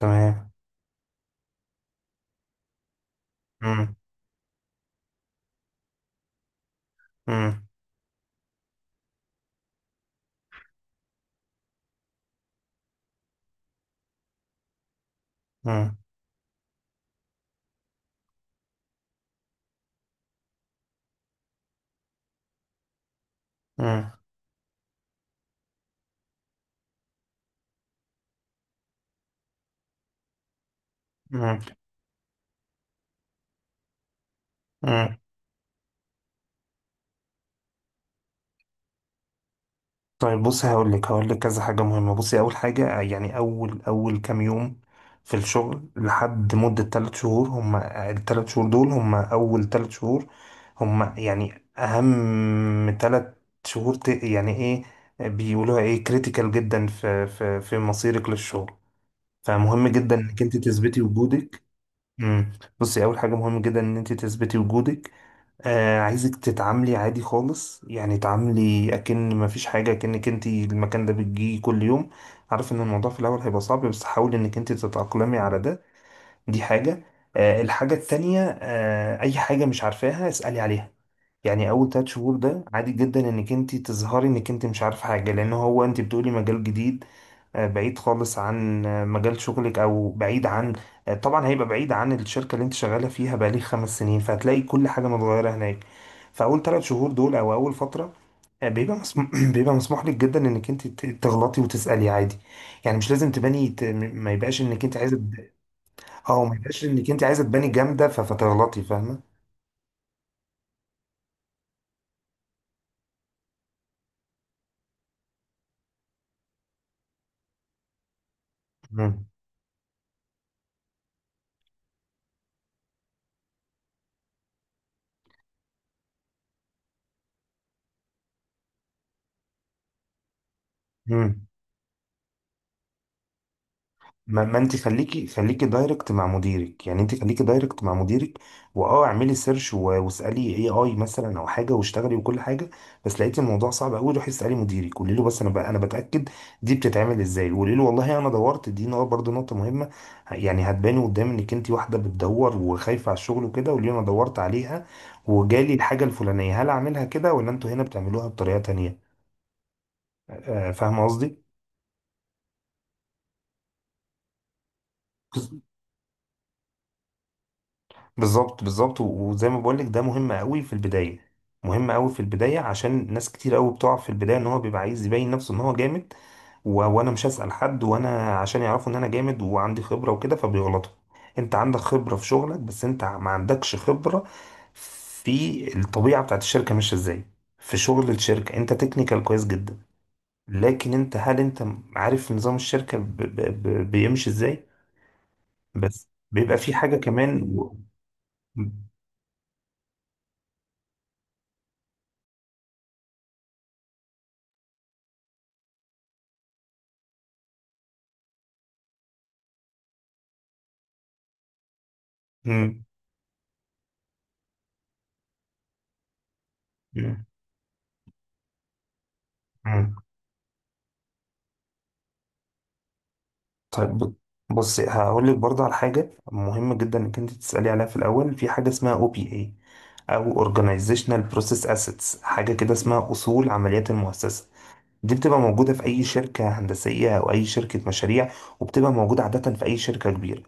تمام. مم. مم. مم. مم. مم. مم. طيب بصي، هقول لك كذا حاجة مهمة. بصي، أول حاجة، يعني أول كام يوم في الشغل، لحد مدة 3 شهور، هم ال 3 شهور دول هم أول 3 شهور، هم يعني أهم 3 شهور، يعني إيه بيقولوها؟ إيه، كريتيكال جدا في مصيرك للشغل. فمهم جدا إنك أنت تثبتي وجودك. امم. بصي، اول حاجه مهم جدا ان انت تثبتي وجودك. آه، عايزك تتعاملي عادي خالص، يعني تعاملي اكن ما فيش حاجه، اكنك انت المكان ده بتجي كل يوم. عارف ان الموضوع في الاول هيبقى صعب، بس حاولي انك انت تتاقلمي على ده. دي حاجه. آه، الحاجه التانية، آه، اي حاجه مش عارفاها اسالي عليها. يعني اول 3 شهور ده عادي جدا انك انت تظهري انك انت مش عارف حاجه، لان هو انت بتقولي مجال جديد. بعيد خالص عن مجال شغلك، او بعيد عن. طبعا هيبقى بعيد عن الشركه اللي انت شغاله فيها بقالي 5 سنين، فهتلاقي كل حاجه متغيره هناك. فاول 3 شهور دول، او اول فتره، بيبقى مسموح بيبقى مسموح لك جدا انك انت تغلطي وتسالي عادي. يعني مش لازم تباني ما يبقاش انك انت عايزه اه، ما يبقاش انك انت عايزه تباني جامده فتغلطي، فاهمه. مم. مم. ما انت خليكي دايركت مع مديرك، يعني انت خليكي دايركت مع مديرك. واه، اعملي سيرش واسالي اي مثلا، او حاجه، واشتغلي وكل حاجه. بس لقيتي الموضوع صعب قوي، روحي اسالي مديرك، قولي له بس انا بقى انا بتاكد دي بتتعمل ازاي، قولي له والله انا دورت. دي نقطه برضه، نقطه مهمه. يعني هتباني قدام انك انت واحده بتدور وخايفه على الشغل وكده. قولي له انا دورت عليها وجالي الحاجه الفلانيه، هل اعملها كده ولا انتوا هنا بتعملوها بطريقه تانيه؟ آه، فاهمه قصدي. بالظبط، بالظبط، وزي ما بقولك ده مهم قوي في البداية. مهم قوي في البداية، عشان ناس كتير قوي بتقع في البداية ان هو بيبقى عايز يبين نفسه ان هو جامد. وانا مش هسأل حد وانا عشان يعرفوا ان انا جامد وعندي خبرة وكده، فبيغلطوا. انت عندك خبرة في شغلك، بس انت ما عندكش خبرة في الطبيعة بتاعت الشركة ماشية ازاي. في شغل الشركة انت تكنيكال كويس جدا. لكن انت، هل انت عارف نظام الشركة بيمشي ازاي؟ بس بيبقى في حاجة كمان. و... مم. مم. طيب، بص هقول لك برضه على حاجة مهمة جدا انك انت تسألي عليها في الأول. في حاجة اسمها OPA، او Organizational Process Assets، حاجة كده اسمها أصول عمليات المؤسسة. دي بتبقى موجودة في أي شركة هندسية أو أي شركة مشاريع، وبتبقى موجودة عادة في أي شركة كبيرة.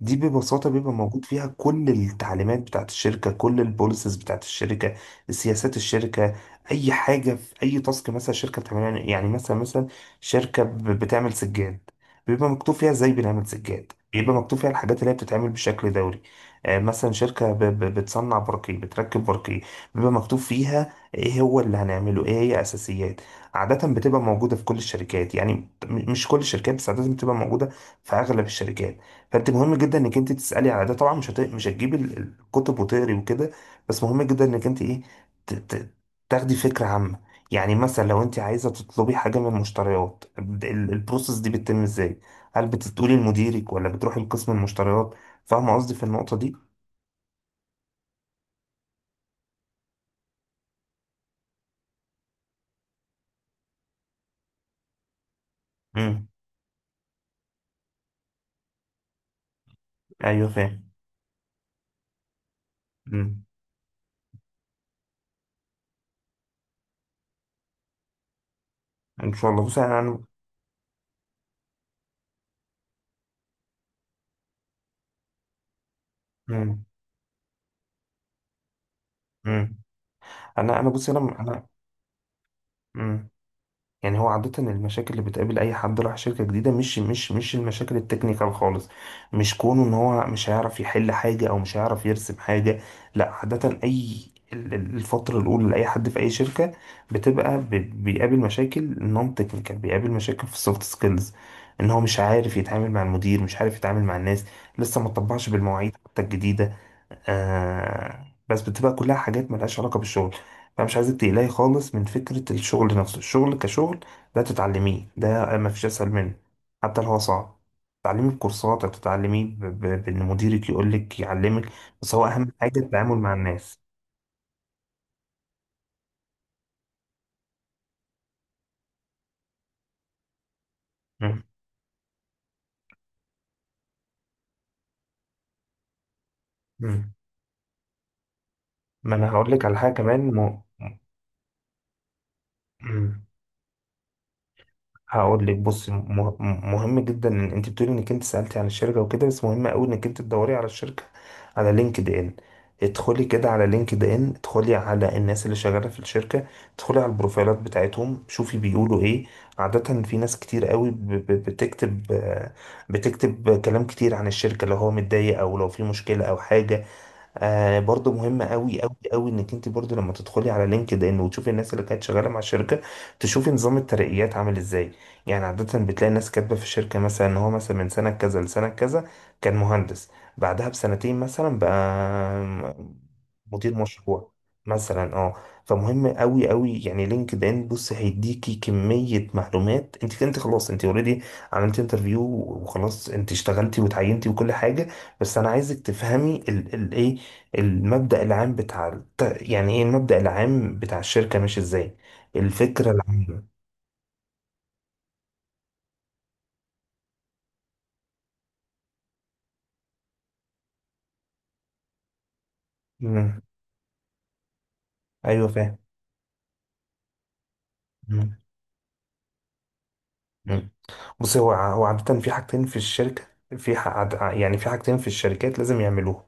دي ببساطة بيبقى موجود فيها كل التعليمات بتاعت الشركة، كل البوليسز بتاعت الشركة، سياسات الشركة. أي حاجة في أي تاسك مثلا الشركة بتعملها، يعني مثلا شركة بتعمل سجاد، بيبقى مكتوب فيها ازاي بنعمل سجاد، بيبقى مكتوب فيها الحاجات اللي هي بتتعمل بشكل دوري. آه، مثلا شركة بتصنع برقي، بتركب برقي، بيبقى مكتوب فيها ايه هو اللي هنعمله، ايه هي اساسيات. عادة بتبقى موجودة في كل الشركات، يعني مش كل الشركات، بس عادة بتبقى موجودة في اغلب الشركات. فانت مهم جدا انك انت تسالي على ده. طبعا مش هتجيب الكتب وتقري وكده، بس مهم جدا انك انت ايه، ت... ت... تاخدي فكره عامه. يعني مثلا لو انت عايزه تطلبي حاجه من المشتريات، البروسيس دي بتتم ازاي؟ هل بتقولي لمديرك ولا بتروحي لقسم المشتريات؟ فاهمه قصدي في النقطه دي. امم. ايوه، فاهم. امم. ان شاء الله. بصي، انا امم. امم. انا بصي، انا مم. يعني هو عادة المشاكل اللي بتقابل أي حد راح شركة جديدة مش المشاكل التكنيكال خالص. مش كونه إن هو مش هيعرف يحل حاجة أو مش هيعرف يرسم حاجة. لا، عادة أي، الفترة الأولى لأي حد في أي شركة، بتبقى بيقابل مشاكل نون تكنيكال، بيقابل مشاكل في السوفت سكيلز. إن هو مش عارف يتعامل مع المدير، مش عارف يتعامل مع الناس، لسه ما طبقش بالمواعيد حتى الجديدة. آه، بس بتبقى كلها حاجات ملهاش علاقة بالشغل. فمش عايزك تقلقي خالص من فكرة الشغل نفسه. الشغل كشغل ده تتعلميه، ده ما فيش أسهل منه، حتى لو هو صعب. تتعلميه بكورسات، أو تتعلميه بإن مديرك يقولك يعلمك. بس هو أهم حاجة التعامل مع الناس. مم. مم. ما أنا هقولك على حاجة كمان. مم. هقول لك، بص، مهم جدا ان انت بتقولي انك انت سألتي عن الشركه وكده، بس مهم قوي انك انت تدوري على الشركه على لينكد ان. ادخلي كده على لينكد ان، ادخلي على الناس اللي شغاله في الشركه، ادخلي على البروفايلات بتاعتهم، شوفي بيقولوا ايه. عاده في ناس كتير قوي بتكتب، بتكتب كلام كتير عن الشركه لو هو متضايق او لو في مشكله او حاجه. آه، برضو مهم قوي انك انت برضو لما تدخلي على لينكد ان وتشوفي الناس اللي كانت شغاله مع الشركه، تشوفي نظام الترقيات عامل ازاي. يعني عاده بتلاقي الناس كاتبه في الشركه مثلا ان هو مثلا من سنه كذا لسنه كذا كان مهندس، بعدها ب 2 سنين مثلا بقى م- مدير مشروع. مثلا، اه. فمهم قوي قوي، يعني لينكد ان، بص، هيديكي كميه معلومات. انت انت خلاص، انت اوريدي عملت انترفيو، وخلاص انت اشتغلتي وتعينتي وكل حاجه. بس انا عايزك تفهمي الايه، المبدأ العام بتاع يعني ايه المبدأ العام بتاع الشركة ماشي ازاي، الفكرة العامة. مم. ايوه فاهم. مم. مم. بص، هو هو عادة في حاجتين في الشركة، في يعني في حاجتين في الشركات لازم يعملوهم،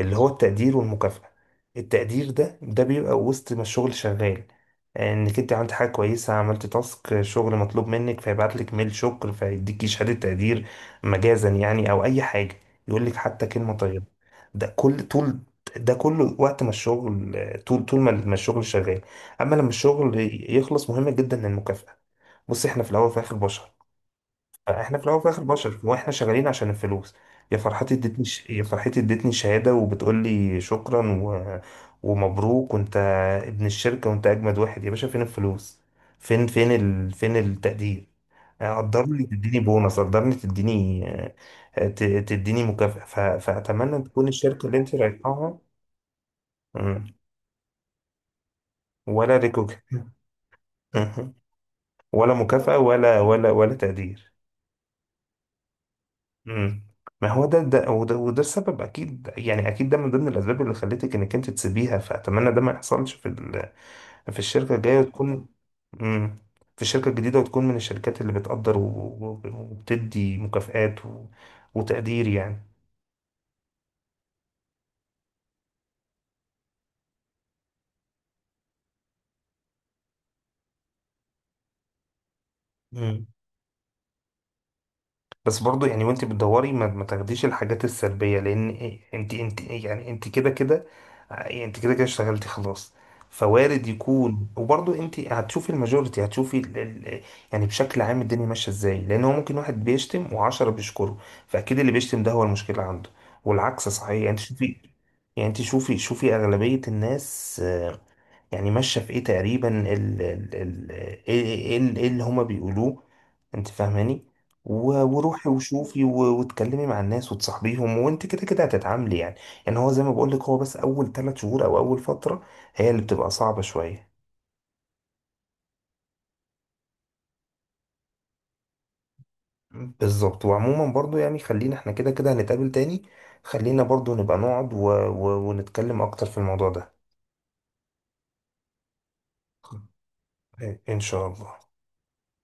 اللي هو التقدير والمكافأة. التقدير ده، ده بيبقى وسط ما الشغل شغال، انك انت عملت حاجة كويسة، عملت تاسك شغل مطلوب منك، فيبعت لك ميل شكر، فيديكي شهادة تقدير، مجازا يعني، او اي حاجة، يقول لك حتى كلمة طيبة. ده كل طول، ده كله وقت ما الشغل، طول ما الشغل شغال. اما لما الشغل يخلص، مهم جدا المكافأة. بص، احنا في الاول وفي الاخر بشر، فاحنا في الاول وفي الاخر بشر، واحنا شغالين عشان الفلوس. يا فرحتي ادتني شهاده وبتقول لي شكرا ومبروك، وانت ابن الشركه، وانت اجمد واحد يا باشا، فين الفلوس؟ فين فين التقدير؟ قدرني، تديني بونص، قدرني، تديني مكافأة. فأتمنى تكون الشركة اللي انت رايحاها. مم. ولا ريكوك. ولا مكافأة ولا تقدير. امم. ما هو ده، وده السبب، اكيد يعني، اكيد ده من ضمن الاسباب اللي خلتك انك انت تسيبيها. فاتمنى ده ما يحصلش في في الشركه الجايه، وتكون، امم، في الشركه الجديده، وتكون من الشركات اللي بتقدر وبتدي مكافآت وتقدير يعني. مم. بس برضو يعني وانت بتدوري ما تاخديش الحاجات السلبية، لان إيه، انت انت إيه، يعني انت كده كده، يعني انت كده كده اشتغلتي خلاص، فوارد يكون. وبرضو انت هتشوفي الماجوريتي، هتشوفي يعني بشكل عام الدنيا ماشية ازاي، لان هو ممكن واحد بيشتم وعشرة بيشكره، فاكيد اللي بيشتم ده هو المشكلة عنده، والعكس صحيح. يعني انت شوفي، يعني انت شوفي اغلبية الناس يعني ماشية في ايه تقريبا، ال ال ال ايه إيه- إيه- إيه اللي هما بيقولوه، انت فاهماني. وروحي وشوفي واتكلمي مع الناس وتصاحبيهم، وانت كده كده هتتعاملي يعني. يعني هو زي ما بقولك، هو بس اول 3 شهور او اول فترة هي اللي بتبقى صعبة شوية. بالظبط. وعموما برضو يعني، خلينا احنا كده كده هنتقابل تاني، خلينا برضو نبقى نقعد ونتكلم اكتر في الموضوع ده. خ- ان شاء الله.